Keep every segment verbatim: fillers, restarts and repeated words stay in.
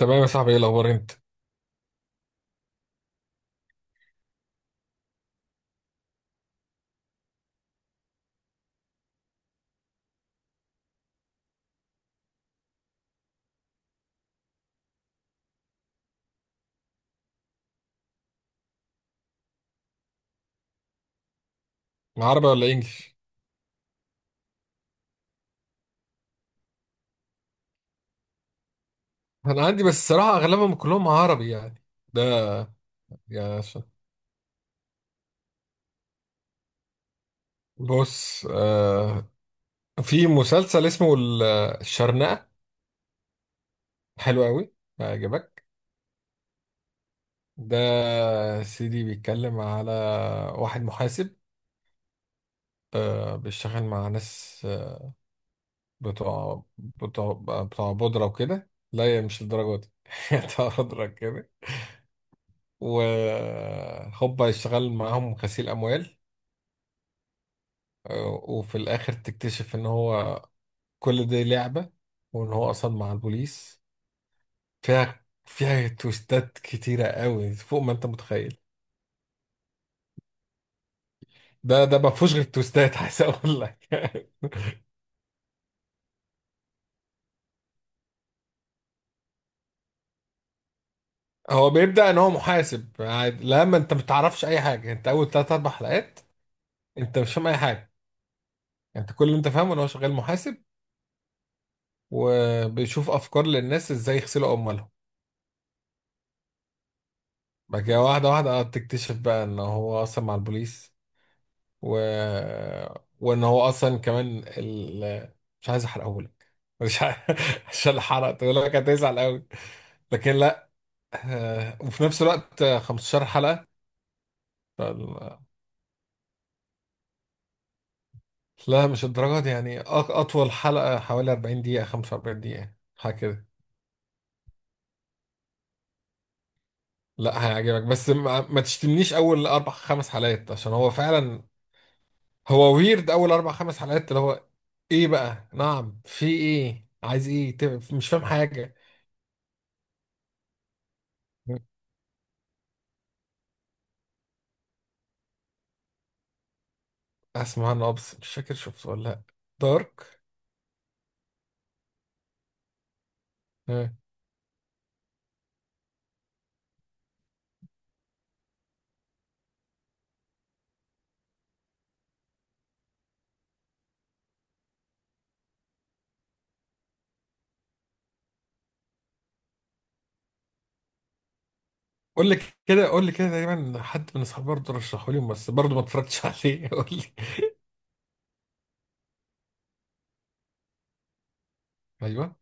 تمام يا صاحبي، ايه الاخبار؟ انت مع عربي ولا انجليش؟ انا عندي بس الصراحه اغلبهم كلهم عربي يعني. ده يعني عشان، بص، آه في مسلسل اسمه ال- الشرنقه. حلو قوي، هيعجبك. ده سيدي بيتكلم على واحد محاسب، آه بيشتغل مع ناس، آه، بتوع بتوع بتوع بودره وكده. لا يا، مش الدرجه دي. بتوع بودره كده. وهوبا يشتغل معاهم غسيل اموال، وفي الاخر تكتشف ان هو كل دي لعبة، وان هو اصلا مع البوليس. فيها فيها تويستات كتيرة قوي فوق ما انت متخيل. ده ده ما فيهوش غير تويستات، عايز اقول لك. هو بيبدأ ان هو محاسب عادي، لما انت ما بتعرفش اي حاجة انت اول تلات اربع حلقات. انت مش فاهم اي حاجة. انت كل اللي انت فاهمه ان هو شغال محاسب، وبيشوف افكار للناس ازاي يغسلوا اموالهم. بعد كده واحدة واحدة، آه، تكتشف بقى ان هو اصلا مع البوليس، و... وان هو اصلا كمان ال... مش عايز احرقه لك، مش عايز. عشان حرقت اقول لك هتزعل قوي، لكن لا. آه، وفي نفس الوقت، آه، خمستاشر حلقة. فال- لا مش الدرجة دي يعني، أق- أطول حلقة حوالي اربعين دقيقة، خمسة واربعين دقيقة، حاجة كده. لا هيعجبك، بس ما, ما تشتمنيش أول أربع خمس حلقات عشان هو فعلا هو ويرد أول أربع خمس حلقات اللي هو إيه بقى، نعم في إيه، عايز إيه؟ تب- مش فاهم حاجة. اسمه عنه ابس مش فاكر شفته ولا لا. دارك. آه. قول لي كده، قول لي كده، تقريبا حد من اصحابي برضه رشحه لي، بس برضه ما اتفرجتش عليه. قول لي. ايوه.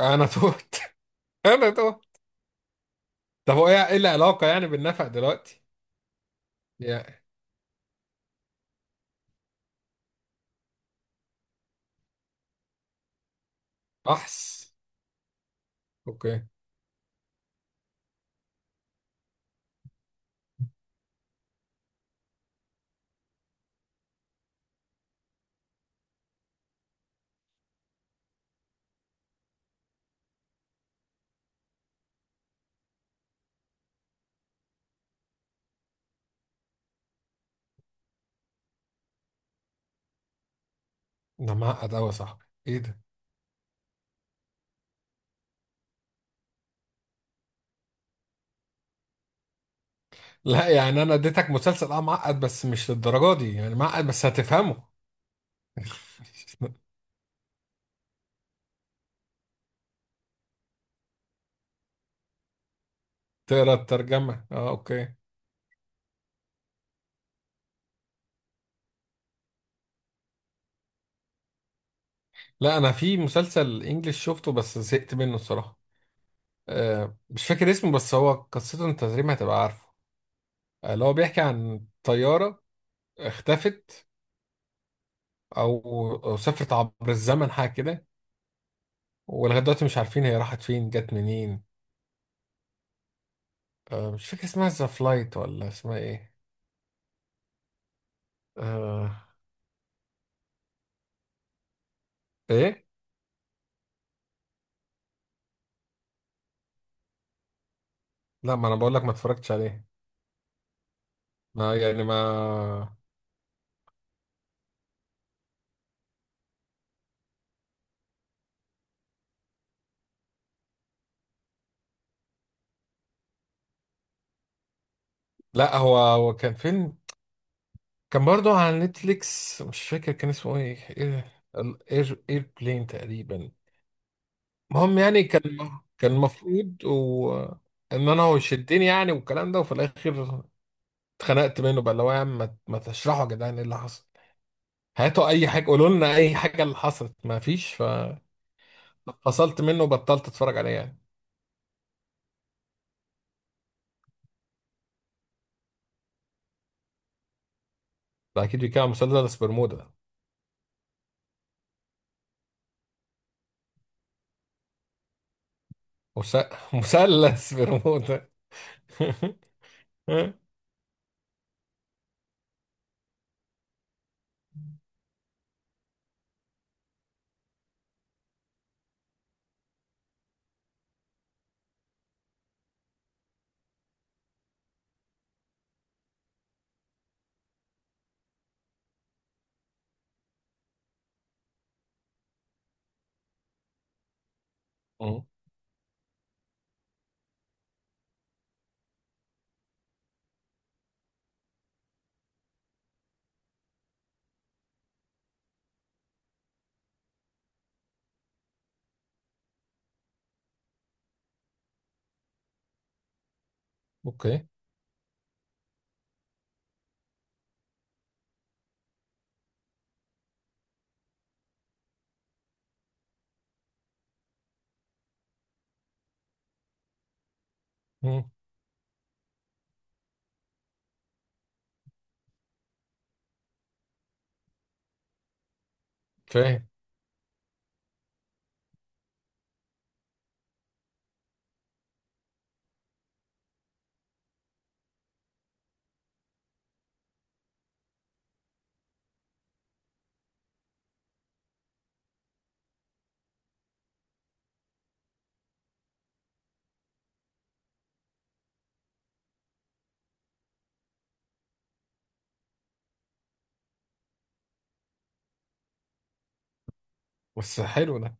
انا تهت. انا تهت. طب هو ايه، إيه العلاقه يعني بالنفق دلوقتي؟ يا بحث. اوكي. ده معقد قوي يا صاحبي، ايه ده؟ لا يعني انا اديتك مسلسل اه معقد، بس مش للدرجه دي يعني، معقد بس هتفهمه. تقرا الترجمه، اه اوكي. لا انا في مسلسل انجليش شفته بس زهقت منه الصراحه. آه، مش فاكر اسمه، بس هو قصته انت تقريبا هتبقى عارفه. آه، اللي هو بيحكي عن طيارة اختفت، أو أو سافرت عبر الزمن حاجة كده. ولغاية دلوقتي مش عارفين هي راحت فين جت منين. آه، مش فاكر اسمها ذا فلايت ولا اسمها ايه. آه، ايه. لا ما انا بقول لك ما اتفرجتش عليه. ما يعني ما. لا هو هو كان فيلم، كان برضه على نتفليكس، مش فاكر كان اسمه ايه. اير اير بلين تقريبا. المهم يعني كان، كان المفروض و... ان انا هو يشدني يعني والكلام ده، وفي الاخر اتخنقت منه بقى اللي هو يا عم، ما ما تشرحوا يا جدعان ايه اللي حصل، هاتوا اي حاجه، قولوا لنا اي حاجه اللي حصلت، ما فيش. ففصلت منه وبطلت اتفرج عليه يعني. ده اكيد بيتكلم عن مثلث برمودا. مس... مثلث برمودا. أه. اوكي. أه. فاهم. بس حلو ده.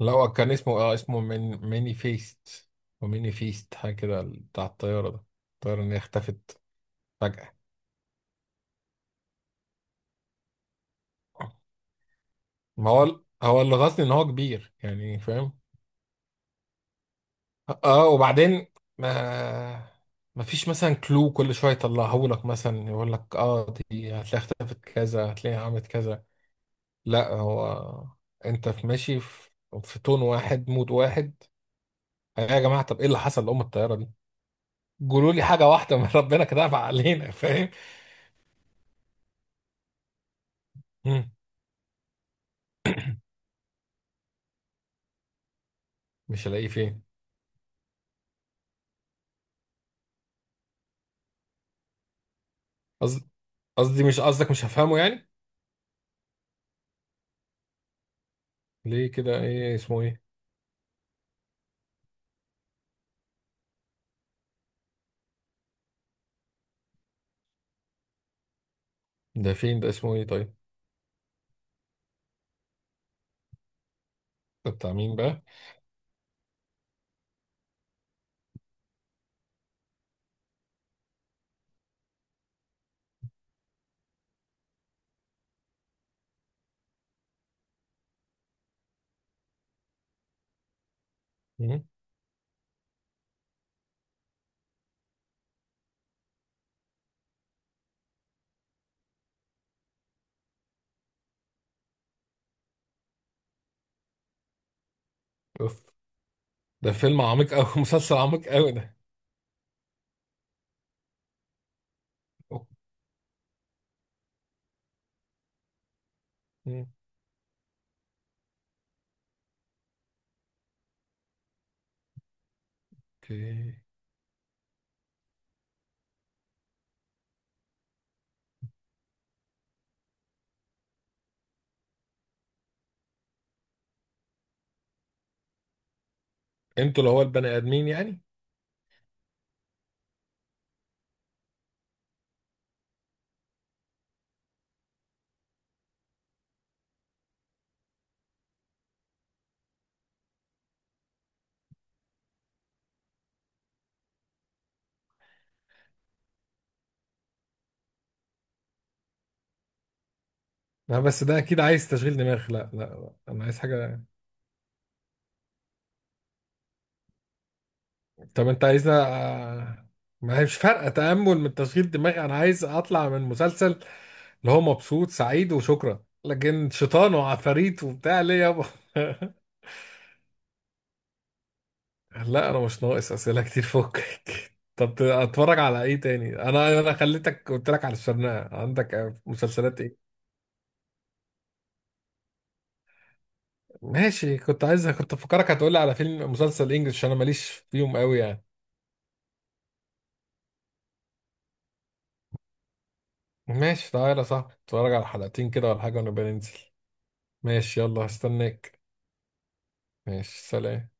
لو كان اسمه اه اسمه من ميني فيست، وميني فيست حاجه كده بتاع الطياره ده، الطياره اللي هي اختفت فجأة. ما هو هو اللي غاصني ان هو كبير يعني، فاهم. اه وبعدين، ما ما فيش مثلا كلو كل شويه يطلعه لك مثلا، يقول لك اه دي هتلاقيها اختفت كذا، هتلاقيها عملت كذا. لا هو انت في ماشي في في تون واحد، مود واحد. يا جماعه طب ايه اللي حصل لام الطياره دي؟ قولوا لي حاجه واحده من ربنا كده أبعد علينا، فاهم. مم. مش هلاقيه فين؟ قصد- قصدي مش قصدك مش هفهمه يعني. ليه كده، ايه اسمه، ايه؟ ده فين ده، اسمه ايه طيب؟ ده بتاع مين بقى؟ مم. اوف. ده فيلم عميق قوي مسلسل عميق قوي ده. اوكي. انتوا اللي هو البني ادمين يعني. لا بس ده اكيد عايز تشغيل دماغ. لا لا لا. انا عايز حاجه. طب انت عايزنا، آه، ما هي مش فارقه تامل من تشغيل دماغ، انا عايز اطلع من مسلسل اللي هو مبسوط سعيد وشكرا، لكن شيطان وعفاريت وبتاع ليه يابا؟ لا انا مش ناقص اسئله كتير، فكك. طب اتفرج على ايه تاني، انا انا خليتك قلت لك على الشرنقه، عندك مسلسلات إيه؟ ماشي كنت عايزها، كنت فكرك هتقولي على فيلم مسلسل انجلش عشان انا ماليش فيهم قوي يعني. ماشي تعالى يا صاحبي، اتفرج على حلقتين كده ولا حاجة ونبقى ننزل. ماشي، يلا هستناك. ماشي سلام.